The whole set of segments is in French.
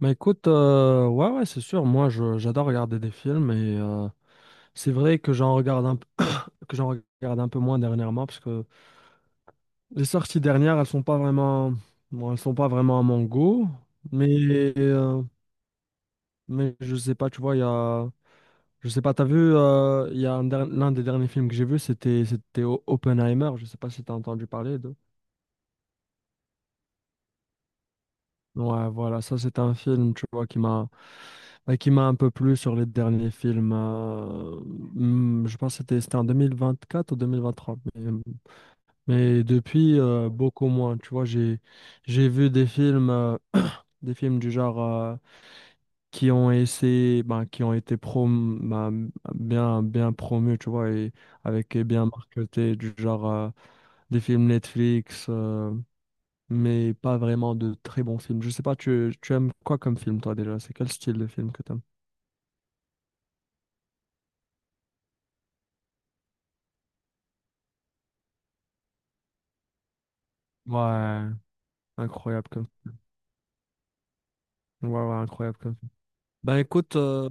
Bah écoute, ouais, ouais, c'est sûr, moi j'adore regarder des films et c'est vrai que j'en regarde un, p- que j'en regarde un peu moins dernièrement parce que les sorties dernières, elles sont pas vraiment, bon, elles sont pas vraiment à mon goût, mais, euh, mais je sais pas, tu vois, il y a, je sais pas, t'as vu, il y a un der- l'un des derniers films que j'ai vu, c'était Oppenheimer, je sais pas si t'as entendu parler de. Ouais, voilà, ça c'est un film, tu vois, qui m'a un peu plu sur les derniers films. Je pense que c'était en 2024 ou 2023. Mais depuis, beaucoup moins. Tu vois, j'ai vu des films du genre ben, qui ont été prom ben, bien, bien promus, tu vois, et avec et bien marketés, du genre des films Netflix, mais pas vraiment de très bons films. Je sais pas, tu aimes quoi comme film, toi, déjà? C'est quel style de film que t'aimes? Ouais, incroyable. Comme Ouais, ouais, incroyable comme film. Ben écoute,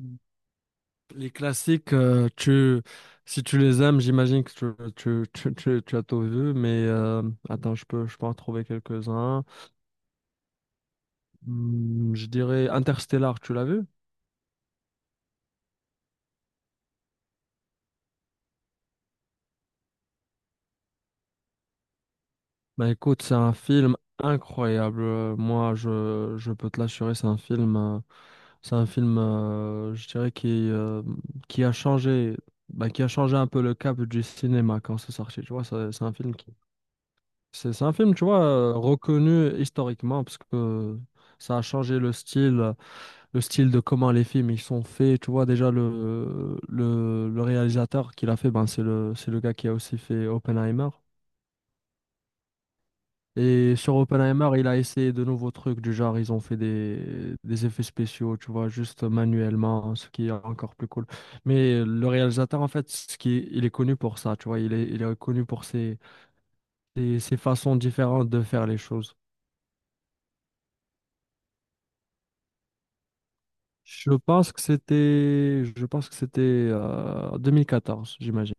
les classiques, si tu les aimes, j'imagine que tu as tout vu, mais attends, je peux en trouver quelques-uns. Je dirais Interstellar, tu l'as vu? Ben écoute, c'est un film incroyable. Moi, je peux te l'assurer, c'est un film, je dirais, qui a changé, qui a changé un peu le cap du cinéma quand c'est sorti. Tu vois, C'est un film, tu vois, reconnu historiquement parce que ça a changé le style de comment les films ils sont faits. Tu vois, déjà le réalisateur qui l'a fait, ben, c'est le gars qui a aussi fait Oppenheimer. Et sur Oppenheimer, il a essayé de nouveaux trucs du genre, ils ont fait des effets spéciaux, tu vois, juste manuellement, ce qui est encore plus cool. Mais le réalisateur, en fait, ce qui il est connu pour ça, tu vois, il est connu pour ses façons différentes de faire les choses. Je pense que c'était 2014, j'imagine.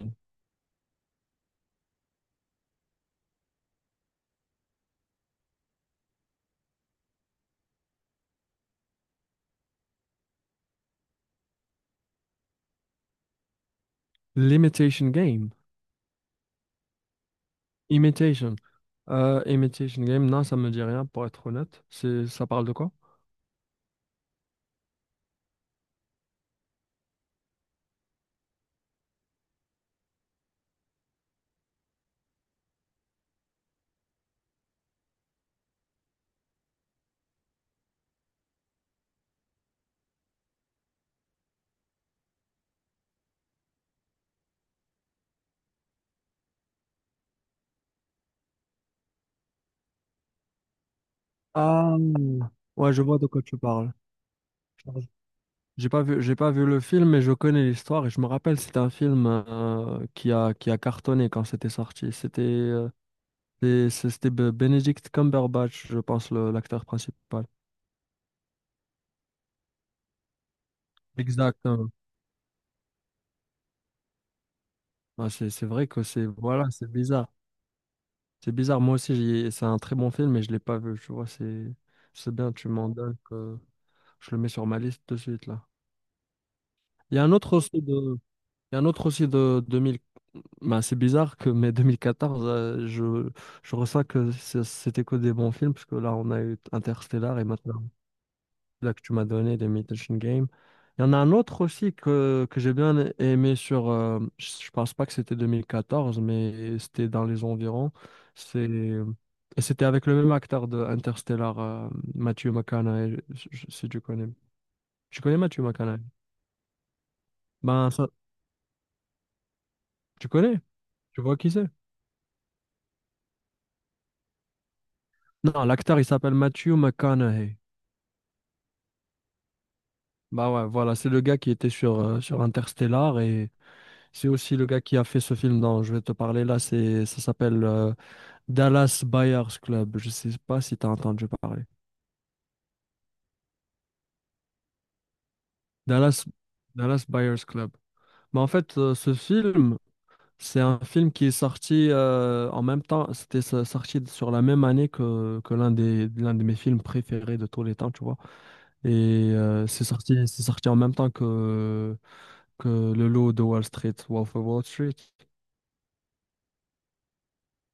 L'Imitation Game. Imitation. Imitation Game, non, ça me dit rien, pour être honnête. Ça parle de quoi? Ah, ouais, je vois de quoi tu parles. J'ai pas vu le film, mais je connais l'histoire et je me rappelle, c'était un film qui a cartonné quand c'était sorti. C'était Benedict Cumberbatch, je pense, l'acteur principal. Exactement. Ah, c'est vrai que c'est, voilà, c'est bizarre. C'est bizarre. Moi aussi, c'est un très bon film, mais je l'ai pas vu. Tu vois, c'est bien. Tu m'en donnes que je le mets sur ma liste de suite là. Il y a un autre aussi de Il y a un autre aussi de 2000. Ben, c'est bizarre que mais 2014, je ressens que c'était que des bons films, parce que là, on a eu Interstellar et maintenant, là que tu m'as donné, les Imitation Game. Il y en a un autre aussi que j'ai bien aimé sur. Je pense pas que c'était 2014, mais c'était dans les environs. C'est, et c'était avec le même acteur de Interstellar, Matthew McConaughey, si tu connais. Tu connais Matthew McConaughey? Ben, ça, tu connais? Tu vois qui c'est? Non, l'acteur, il s'appelle Matthew McConaughey. Bah ouais, voilà, c'est le gars qui était sur Interstellar et c'est aussi le gars qui a fait ce film dont je vais te parler là. Ça s'appelle Dallas Buyers Club. Je sais pas si tu as entendu parler. Dallas, Dallas Buyers Club. Mais en fait, ce film, c'est un film qui est sorti en même temps. C'était sorti sur la même année que l'un de mes films préférés de tous les temps, tu vois. Et c'est sorti en même temps que le lot de Wall Street, Wolf of Wall Street.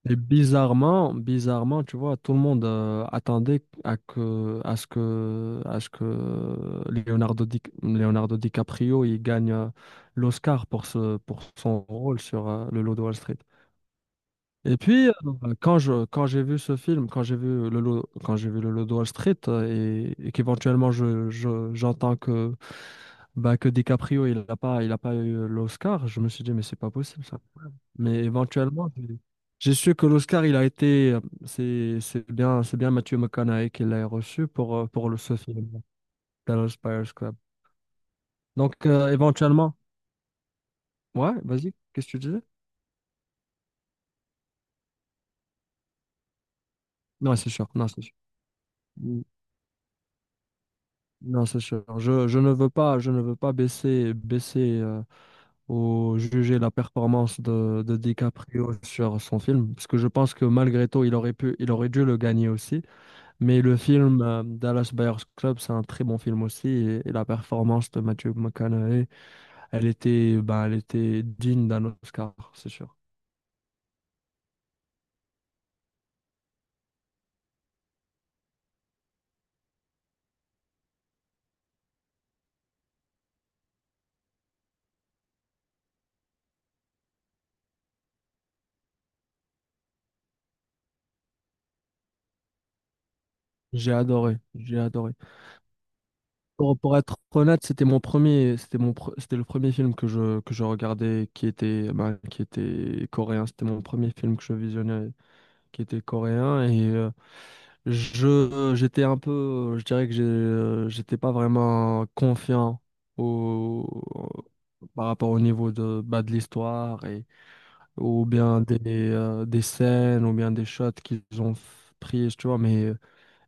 Et bizarrement, tu vois, tout le monde attendait à que, à ce que, à ce que Leonardo DiCaprio il gagne l'Oscar pour son rôle sur le lot de Wall Street. Et puis, quand j'ai vu ce film, quand j'ai vu le lot de Wall Street, et qu'éventuellement j'entends que, bah, que DiCaprio il a pas eu l'Oscar, je me suis dit mais c'est pas possible ça. Mais éventuellement, j'ai su que l'Oscar, c'est bien Matthew McConaughey qui l'a reçu pour ce film, Dallas Buyers Club. Donc, éventuellement, ouais, vas-y, qu'est-ce que tu disais? Non, c'est sûr, non, c'est sûr. Mm. Non, c'est sûr. Je ne veux pas, je ne veux pas baisser ou juger la performance de DiCaprio sur son film, parce que je pense que malgré tout, il aurait pu, il aurait dû le gagner aussi. Mais le film Dallas Buyers Club, c'est un très bon film aussi. Et la performance de Matthew McConaughey, elle était digne d'un Oscar, c'est sûr. J'ai adoré, j'ai adoré. Pour être honnête, c'était mon premier, c'était mon, pre- c'était le premier film que je regardais qui était coréen. C'était mon premier film que je visionnais qui était coréen. J'étais un peu, je dirais que j'étais pas vraiment confiant au, par rapport au niveau de l'histoire et ou bien des scènes ou bien des shots qu'ils ont pris, tu vois. Mais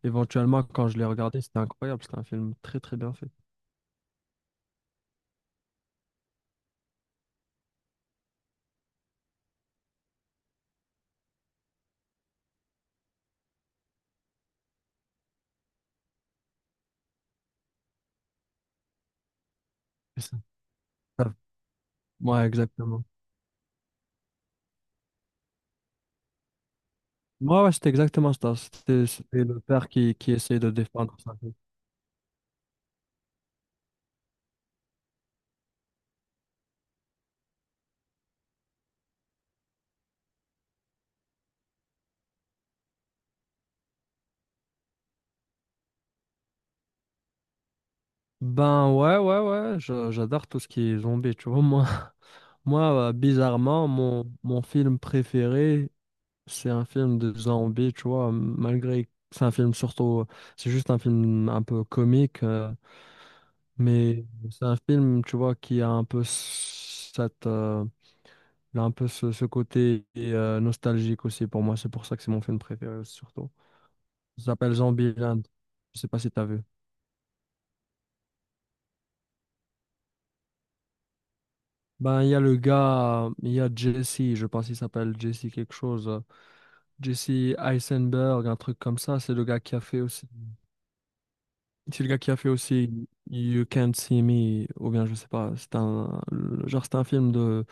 éventuellement, quand je l'ai regardé, c'était incroyable. C'était un film très très bien fait. C'est ça. Ça- Ouais, exactement. Ouais, ouais, c'était exactement ça. C'était le père qui essayait de défendre sa vie. Ben ouais, ouais, ouais. J'adore tout ce qui est zombie, tu vois, moi. Moi, bizarrement, mon film préféré, c'est un film de Zombie, tu vois, malgré que c'est un film surtout, c'est juste un film un peu comique, mais c'est un film, tu vois, qui a un peu cette, il a un peu ce côté nostalgique aussi pour moi, c'est pour ça que c'est mon film préféré surtout. Ça s'appelle Zombieland, je sais pas si t'as vu. Ben, il y a le gars, il y a Jesse, je pense qu'il s'appelle Jesse quelque chose. Jesse Eisenberg, un truc comme ça, C'est le gars qui a fait aussi You Can't See Me, ou bien je sais pas, genre c'est un film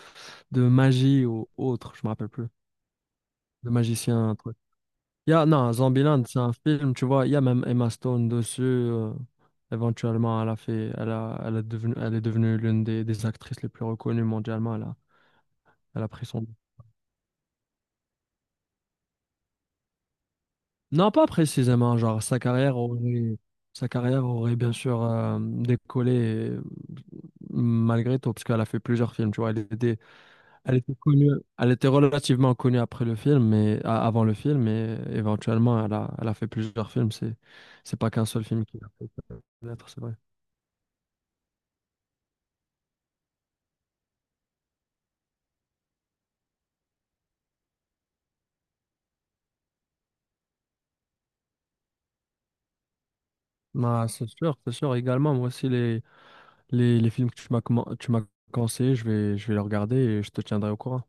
de magie ou autre, je me rappelle plus. De magicien, un truc. Non, Zombieland, c'est un film, tu vois, il y a même Emma Stone dessus. Éventuellement, elle a fait, elle a, elle a devenu, elle est devenue l'une des actrices les plus reconnues mondialement. Elle a pris son. Non, pas précisément, genre sa carrière aurait bien sûr décollé euh, malgré tout, parce qu'elle a fait plusieurs films, tu vois. Elle était connue, elle était relativement connue après le film, mais avant le film, mais éventuellement, elle a fait plusieurs films. C'est pas qu'un seul film qui l'a fait connaître, c'est vrai. Bah, c'est sûr, c'est sûr. Également, moi aussi, les films que tu m'as conseillé, je vais les regarder et je te tiendrai au courant.